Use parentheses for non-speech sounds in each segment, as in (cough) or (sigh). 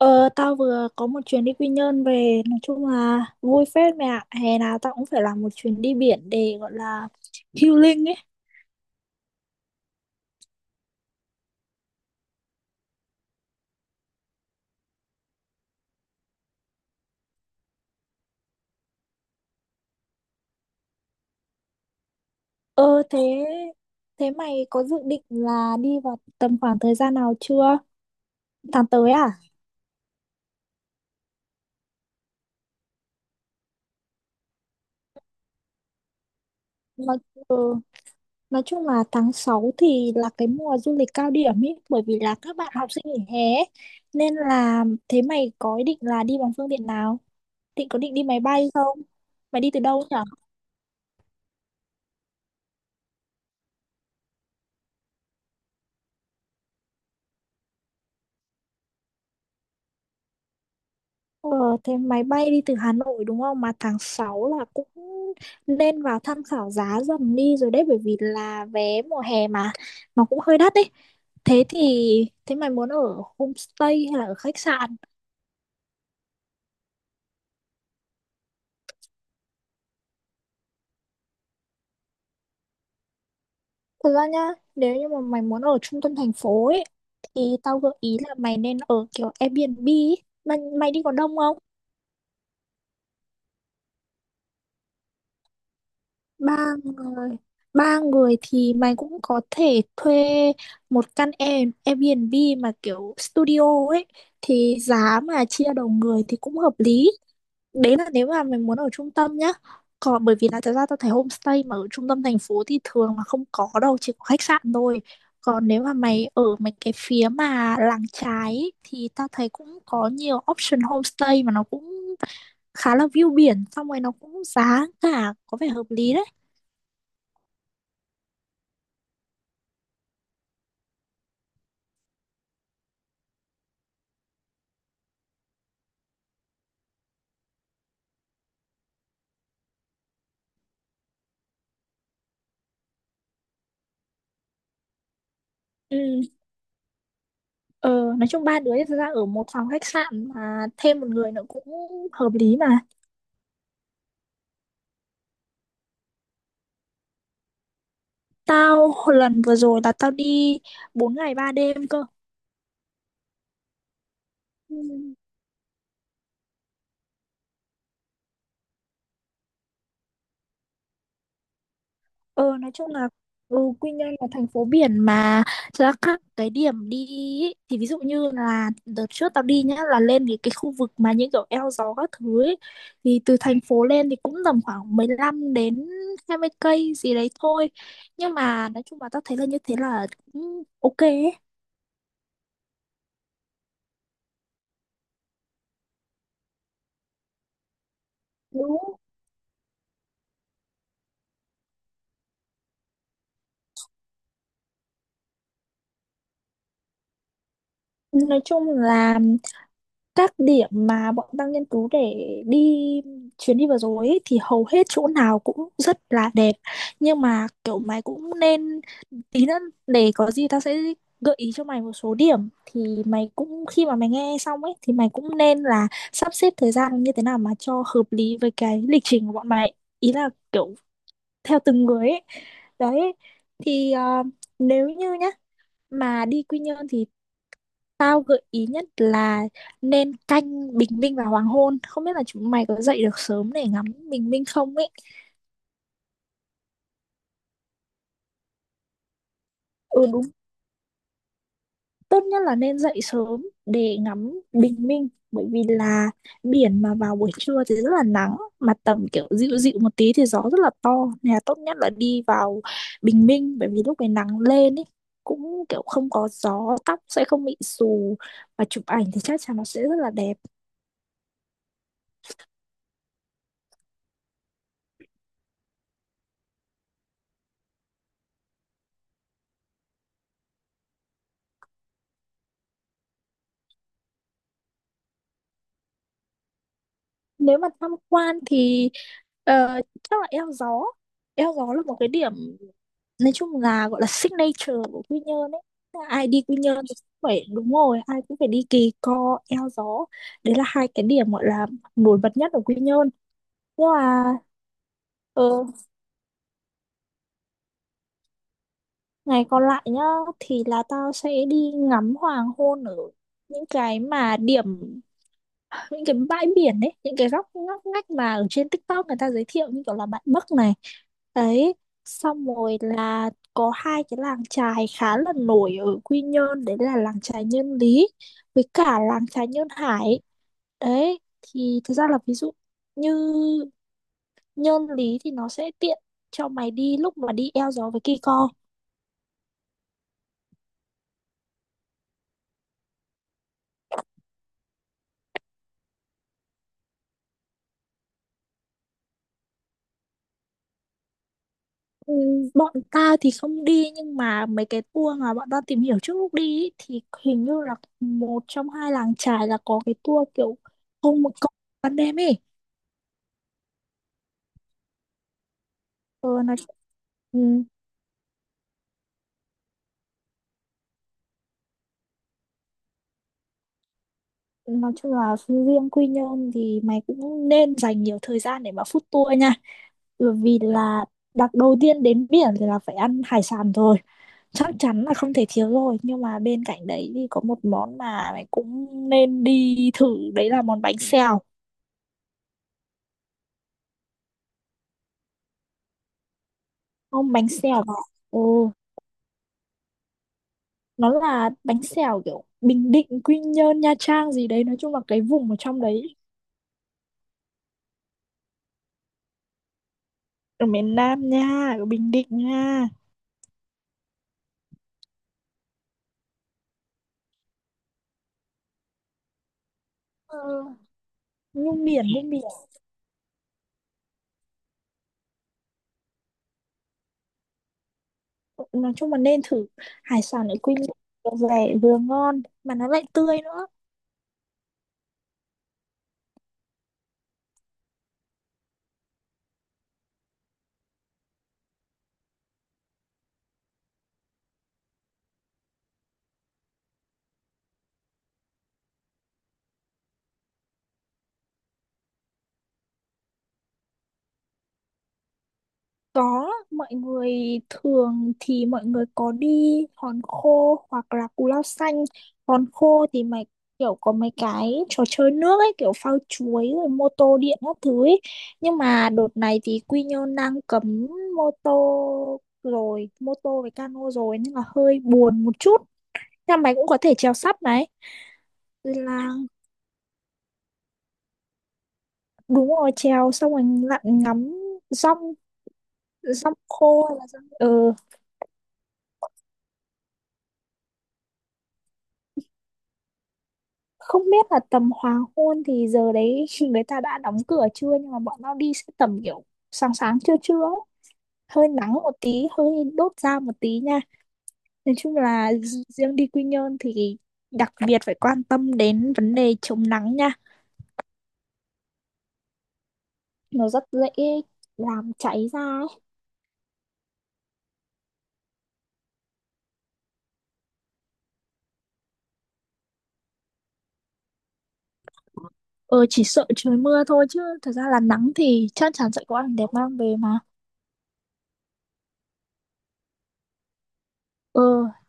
Ờ, tao vừa có một chuyến đi Quy Nhơn về, nói chung là vui phết mẹ ạ. Hè nào tao cũng phải làm một chuyến đi biển để gọi là healing ấy. Ờ thế thế mày có dự định là đi vào tầm khoảng thời gian nào chưa? Tháng tới à? nói, ừ, nói chung là tháng 6 thì là cái mùa du lịch cao điểm ấy, bởi vì là các bạn học sinh nghỉ hè ấy. Nên là thế mày có ý định là đi bằng phương tiện nào? Có định đi máy bay không? Mày đi từ đâu nhỉ? Ờ, thế máy bay đi từ Hà Nội đúng không? Mà tháng 6 là cũng lên vào tham khảo giá dần đi rồi đấy, bởi vì là vé mùa hè mà nó cũng hơi đắt đấy. Thế thì Thế mày muốn ở homestay hay là ở khách sạn? Thật ra nhá, nếu như mà mày muốn ở trung tâm thành phố ấy thì tao gợi ý là mày nên ở kiểu Airbnb ấy. Mày đi có đông không? Ba người? Ba người thì mày cũng có thể thuê một căn Airbnb mà kiểu studio ấy, thì giá mà chia đầu người thì cũng hợp lý. Đấy là nếu mà mày muốn ở trung tâm nhá. Còn bởi vì là thật ra tao thấy homestay mà ở trung tâm thành phố thì thường là không có đâu, chỉ có khách sạn thôi. Còn nếu mà mày ở mấy cái phía mà làng trái ấy, thì tao thấy cũng có nhiều option homestay mà nó cũng khá là view biển, xong rồi nó cũng giá cả có vẻ hợp lý đấy. Ừ, ờ, nói chung ba đứa thực ra ở một phòng khách sạn mà thêm một người nữa cũng hợp lý mà. Tao hồi lần vừa rồi là tao đi 4 ngày 3 đêm cơ. Ừ. Ờ, nói chung là ừ, Quy Nhơn là thành phố biển mà, thực ra các cái điểm đi ý, thì ví dụ như là đợt trước tao đi nhá là lên cái khu vực mà những kiểu eo gió các thứ ấy, thì từ thành phố lên thì cũng tầm khoảng 15 đến 20 cây gì đấy thôi. Nhưng mà nói chung là tao thấy là như thế là cũng ok ấy. Đúng. Nói chung là các điểm mà bọn tao nghiên cứu để đi chuyến đi vừa rồi ấy, thì hầu hết chỗ nào cũng rất là đẹp, nhưng mà kiểu mày cũng nên tí nữa để có gì tao sẽ gợi ý cho mày một số điểm, thì mày cũng khi mà mày nghe xong ấy thì mày cũng nên là sắp xếp thời gian như thế nào mà cho hợp lý với cái lịch trình của bọn mày, ý là kiểu theo từng người ấy. Đấy thì ờ, nếu như nhá mà đi Quy Nhơn thì tao gợi ý nhất là nên canh bình minh và hoàng hôn. Không biết là chúng mày có dậy được sớm để ngắm bình minh không ấy. Ừ đúng, tốt nhất là nên dậy sớm để ngắm bình minh. Bởi vì là biển mà vào buổi trưa thì rất là nắng, mà tầm kiểu dịu dịu một tí thì gió rất là to. Nên là tốt nhất là đi vào bình minh, bởi vì lúc này nắng lên ấy cũng kiểu không có gió, tóc sẽ không bị xù và chụp ảnh thì chắc chắn nó sẽ rất là đẹp. Nếu mà tham quan thì ờ, chắc là eo gió. Eo gió là một cái điểm nói chung là gọi là signature của Quy Nhơn ấy. Tức là ai đi Quy Nhơn thì cũng phải đúng rồi, ai cũng phải đi Kỳ Co eo gió, đấy là hai cái điểm gọi là nổi bật nhất ở Quy Nhơn. Nhưng mà ờ, ngày còn lại nhá thì là tao sẽ đi ngắm hoàng hôn ở những cái mà điểm, những cái bãi biển ấy, những cái góc ngóc ngách mà ở trên TikTok người ta giới thiệu như kiểu là Bạt Bấc này. Đấy, xong rồi là có hai cái làng chài khá là nổi ở Quy Nhơn, đấy là làng chài Nhân Lý với cả làng chài Nhơn Hải. Đấy thì thực ra là ví dụ như Nhân Lý thì nó sẽ tiện cho mày đi lúc mà đi eo gió với Kỳ Co. Ừ, bọn ta thì không đi nhưng mà mấy cái tour mà bọn ta tìm hiểu trước lúc đi ý, thì hình như là một trong hai làng chài là có cái tour kiểu không một cộng ban đêm ấy. Ờ, ừ, nói chung là riêng Quy Nhơn thì mày cũng nên dành nhiều thời gian để mà food tour nha, bởi vì là đặt đầu tiên đến biển thì là phải ăn hải sản rồi, chắc chắn là không thể thiếu rồi, nhưng mà bên cạnh đấy thì có một món mà mày cũng nên đi thử đấy là món bánh xèo. Không, bánh xèo bạn, ừ, nó là bánh xèo kiểu Bình Định Quy Nhơn Nha Trang gì đấy, nói chung là cái vùng ở trong đấy, ở miền Nam nha, ở Bình Định nha. Ừ. Nhung biển, nhung biển, nói chung là nên thử hải sản ở Quy Nhơn, vừa rẻ vừa ngon mà nó lại tươi nữa. Có, mọi người thường thì mọi người có đi hòn khô hoặc là cù lao xanh. Hòn khô thì mày kiểu có mấy cái trò chơi nước ấy, kiểu phao chuối rồi mô tô điện các thứ ấy. Nhưng mà đợt này thì Quy Nhơn đang cấm mô tô rồi, mô tô với cano rồi nên là hơi buồn một chút. Nhưng mày cũng có thể chèo sắp này. Là đúng rồi, trèo xong rồi lặn ngắm rong, rong khô hay là rong... Ừ. Không biết là tầm hoàng hôn thì giờ đấy (laughs) người ta đã đóng cửa chưa, nhưng mà bọn tao đi sẽ tầm kiểu sáng sáng trưa trưa ấy. Hơi nắng một tí, hơi đốt da một tí nha. Nói chung là riêng đi Quy Nhơn thì đặc biệt phải quan tâm đến vấn đề chống nắng nha, nó rất dễ làm cháy da ấy. Ờ, chỉ sợ trời mưa thôi chứ thật ra là nắng thì chắc chắn sẽ có ảnh đẹp mang về mà. Ờ,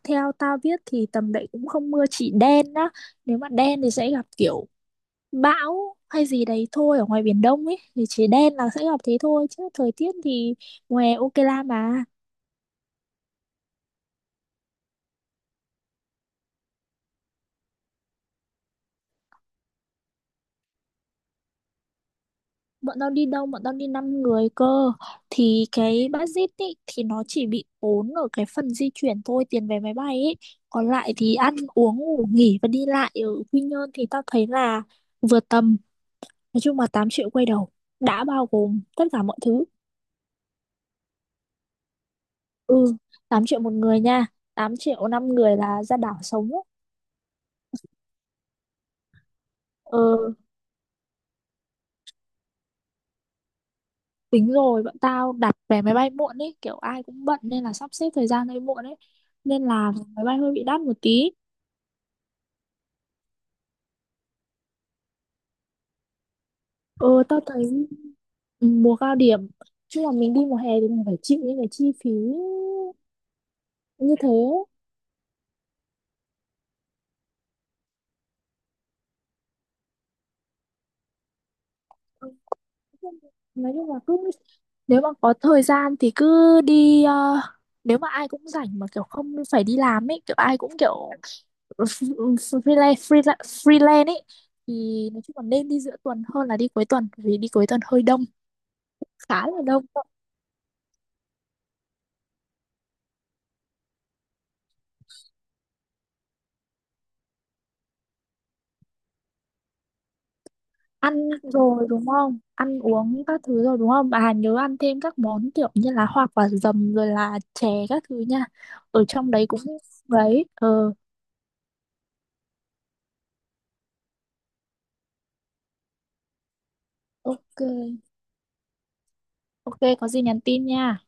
theo tao biết thì tầm đấy cũng không mưa, chỉ đen á, nếu mà đen thì sẽ gặp kiểu bão hay gì đấy thôi ở ngoài Biển Đông ấy, thì chỉ đen là sẽ gặp thế thôi chứ thời tiết thì ngoài ok la mà. Bọn tao đi 5 người cơ. Thì cái budget ấy thì nó chỉ bị ốm ở cái phần di chuyển thôi, tiền vé máy bay ấy, còn lại thì ăn uống ngủ nghỉ và đi lại ở Quy Nhơn thì tao thấy là vừa tầm. Nói chung là 8 triệu quay đầu đã bao gồm tất cả mọi thứ. Ừ, 8 triệu một người nha, 8 triệu 5 người là ra đảo sống ấy. Ừ, tính rồi, bọn tao đặt vé máy bay muộn ấy, kiểu ai cũng bận nên là sắp xếp thời gian hơi muộn ấy, nên là máy bay hơi bị đắt một tí. Ừ tao thấy, ừ, mùa cao điểm chứ mà mình đi mùa hè thì mình phải chịu những cái chi phí như thế. Ừ, nói chung là cứ nếu mà có thời gian thì cứ đi, ờ, nếu mà ai cũng rảnh mà kiểu không phải đi làm ấy, kiểu ai cũng kiểu (laughs) freelance freelance freelance ấy, thì nói chung là nên đi giữa tuần hơn là đi cuối tuần vì đi cuối tuần hơi đông, khá là đông đó. Ăn rồi đúng không? Ăn uống các thứ rồi đúng không? Bà nhớ ăn thêm các món kiểu như là hoa quả dầm rồi là chè các thứ nha. Ở trong đấy cũng đấy, ờ ok. Ok, có gì nhắn tin nha.